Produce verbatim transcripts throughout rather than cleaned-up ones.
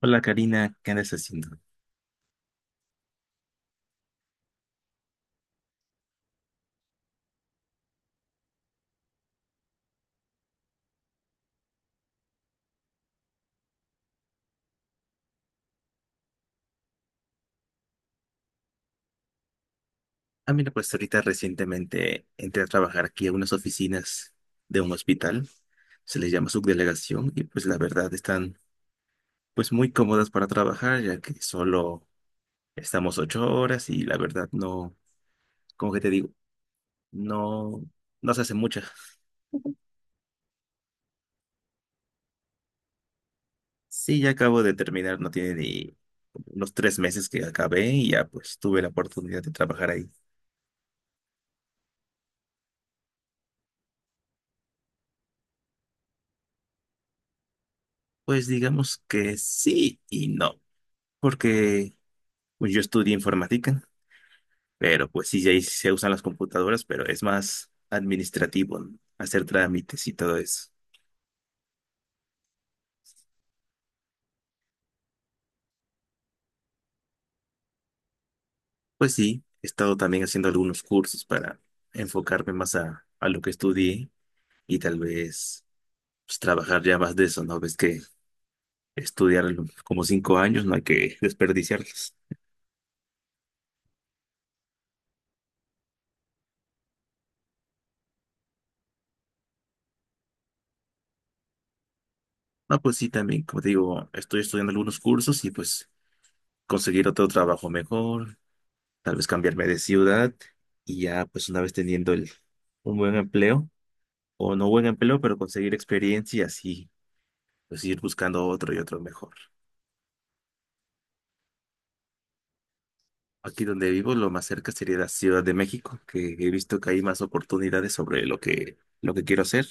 Hola Karina, ¿qué andas haciendo? Ah, mira, pues ahorita recientemente entré a trabajar aquí a unas oficinas de un hospital, se les llama subdelegación y pues la verdad están pues muy cómodas para trabajar ya que solo estamos ocho horas y la verdad no, como que te digo, no, no se hace mucha. Sí, ya acabo de terminar, no tiene ni unos tres meses que acabé y ya pues tuve la oportunidad de trabajar ahí. Pues digamos que sí y no, porque pues, yo estudié informática. Pero pues sí, ahí sí se usan las computadoras, pero es más administrativo, ¿no? Hacer trámites y todo eso. Pues sí, he estado también haciendo algunos cursos para enfocarme más a, a lo que estudié y tal vez pues, trabajar ya más de eso, ¿no? Ves que estudiar lo- como cinco años no hay que desperdiciarlos. No, pues sí, también, como te digo, estoy estudiando algunos cursos y pues conseguir otro trabajo mejor, tal vez cambiarme de ciudad y ya pues una vez teniendo el, un buen empleo o no buen empleo, pero conseguir experiencia y así, pues ir buscando otro y otro mejor. Aquí donde vivo, lo más cerca sería la Ciudad de México, que he visto que hay más oportunidades sobre lo que, lo que quiero hacer.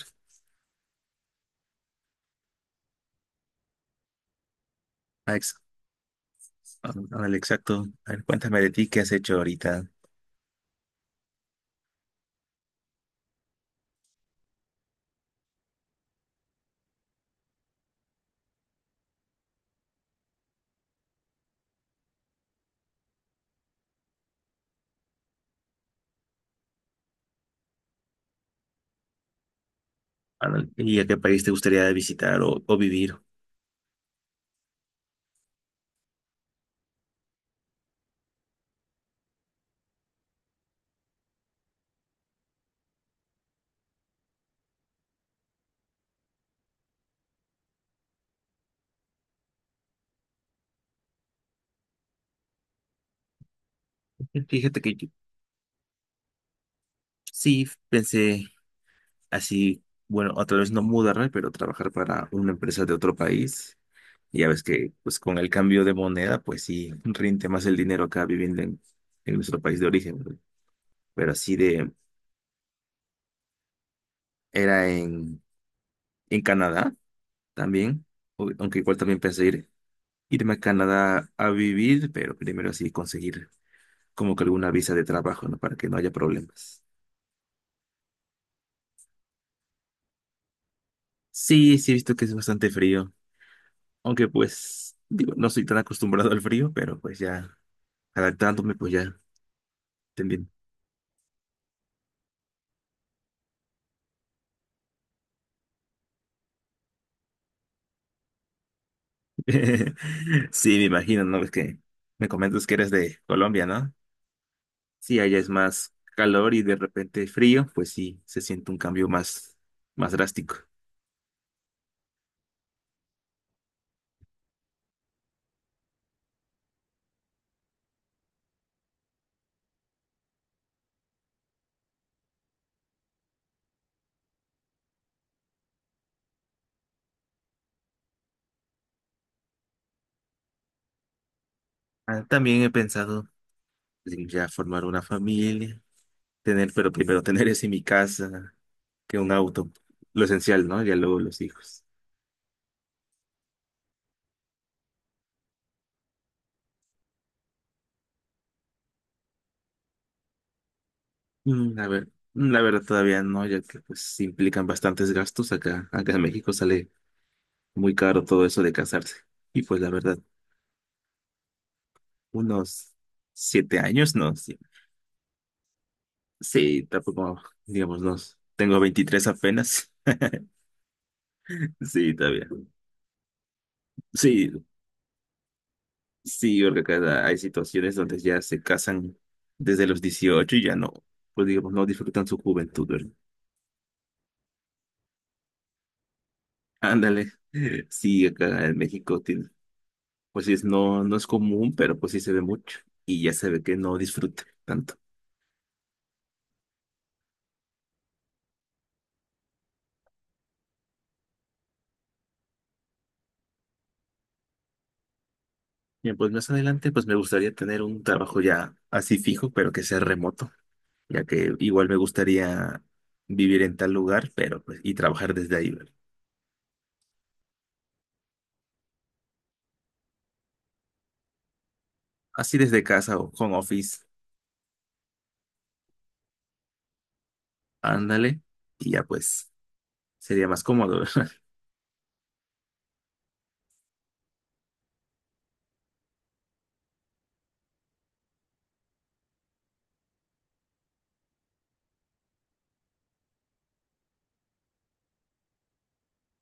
Ah, ex- ah, Ándale, exacto. A ver, cuéntame de ti, ¿qué has hecho ahorita? Ándale, ¿y a qué país te gustaría visitar o, o vivir? Fíjate que yo sí pensé así, bueno, a través no mudarme, pero trabajar para una empresa de otro país. Y ya ves que pues con el cambio de moneda, pues sí, rinde más el dinero acá viviendo en, en nuestro país de origen, ¿no? Pero así de, era en, en Canadá también, o- aunque igual también pensé ir, irme a Canadá a vivir, pero primero así conseguir como que alguna visa de trabajo, ¿no? Para que no haya problemas. Sí, sí he visto que es bastante frío, aunque pues, digo, no soy tan acostumbrado al frío, pero pues ya, adaptándome, pues ya, también. Sí, me imagino, ¿no? Es que me comentas que eres de Colombia, ¿no? Sí, allá es más calor y de repente frío, pues sí, se siente un cambio más, más drástico. Ah, también he pensado en ya formar una familia, tener, pero primero tener eso en mi casa, que un auto, lo esencial, ¿no? Ya luego los hijos. Mm, a ver, mm, la verdad todavía no, ya que pues sí implican bastantes gastos acá, acá en México sale muy caro todo eso de casarse. Y pues la verdad unos siete años, no, sí, sí, tampoco, digamos, no, tengo veintitrés apenas. Sí, todavía, sí, sí, porque cada, hay situaciones donde ya se casan desde los dieciocho y ya no, pues digamos, no disfrutan su juventud, ¿verdad? Ándale, sí, acá en México, tiene- pues sí, es, no, no es común, pero pues sí se ve mucho y ya se ve que no disfruta tanto. Bien, pues más adelante, pues me gustaría tener un trabajo ya así fijo, pero que sea remoto ya que igual me gustaría vivir en tal lugar, pero pues, y trabajar desde ahí, ¿verdad? Así desde casa o home office, ándale, y ya pues sería más cómodo.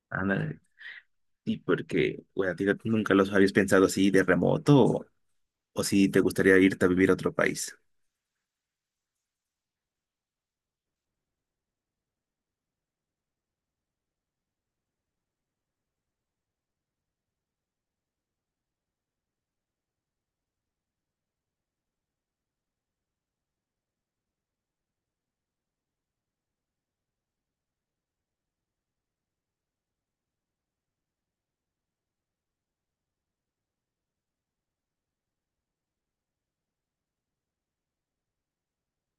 Ándale. Y porque, bueno, ¿a ti no- nunca los habías pensado así de remoto o, o si te gustaría irte a vivir a otro país?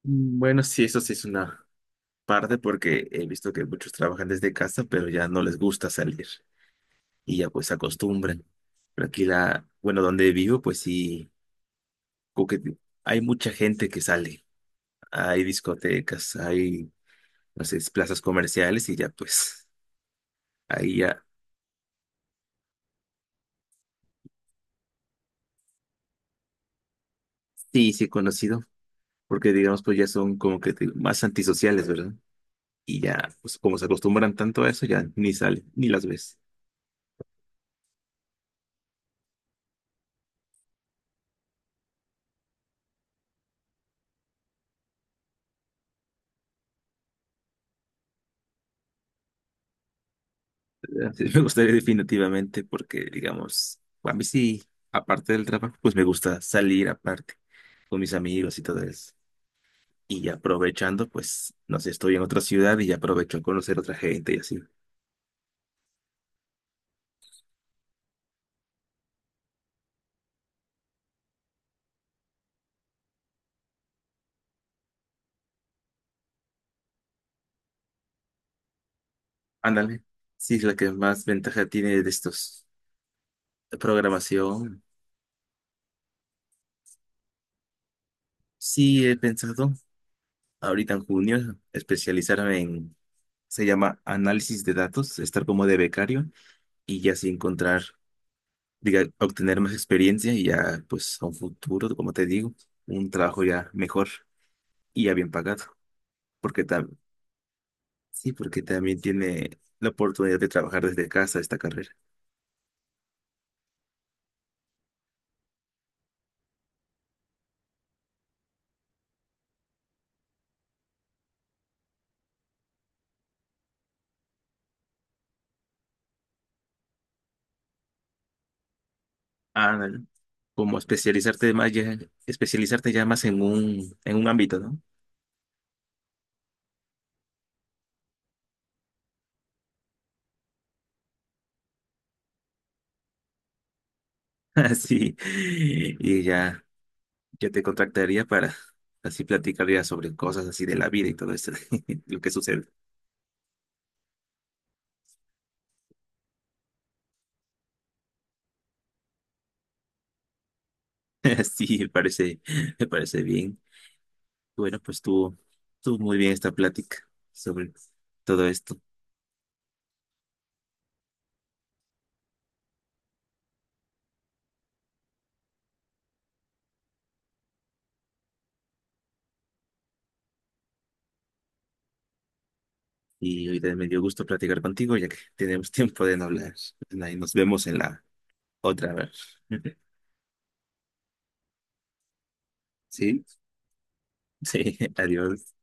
Mm, bueno, sí, eso sí es una parte porque he visto que muchos trabajan desde casa, pero ya no les gusta salir. Y ya pues se acostumbran. Pero aquí la, bueno, donde vivo, pues sí, como que hay mucha gente que sale. Hay discotecas, hay, no sé, plazas comerciales y ya pues ahí ya, sí, sí he conocido, porque digamos pues ya son como que te- más antisociales, ¿verdad? Y ya, pues como se acostumbran tanto a eso, ya ni salen, ni las ves. ¿Verdad? Sí, me gustaría definitivamente porque, digamos, a mí sí, aparte del trabajo, pues me gusta salir aparte con mis amigos y todo eso. Y aprovechando, pues, no sé, estoy en otra ciudad y aprovecho a conocer otra gente y así. Ándale. Sí, es la que más ventaja tiene de estos, de programación. Sí, he pensado ahorita en junio especializarme en, se llama análisis de datos, estar como de becario y ya así encontrar, diga, obtener más experiencia y ya, pues, a un futuro, como te digo, un trabajo ya mejor y ya bien pagado. Porque tam- sí, porque también tiene la oportunidad de trabajar desde casa esta carrera. Ándale, como especializarte más ya, especializarte ya más en un, en un, ámbito, ¿no? Así, y ya, ya te contactaría para así platicaría sobre cosas así de la vida y todo eso, lo que sucede. Sí, me parece, me parece bien. Bueno, pues estuvo, estuvo muy bien esta plática sobre todo esto. Y ahorita me dio gusto platicar contigo, ya que tenemos tiempo de no hablar. Y nos vemos en la otra vez. ¿Sí? Sí, adiós.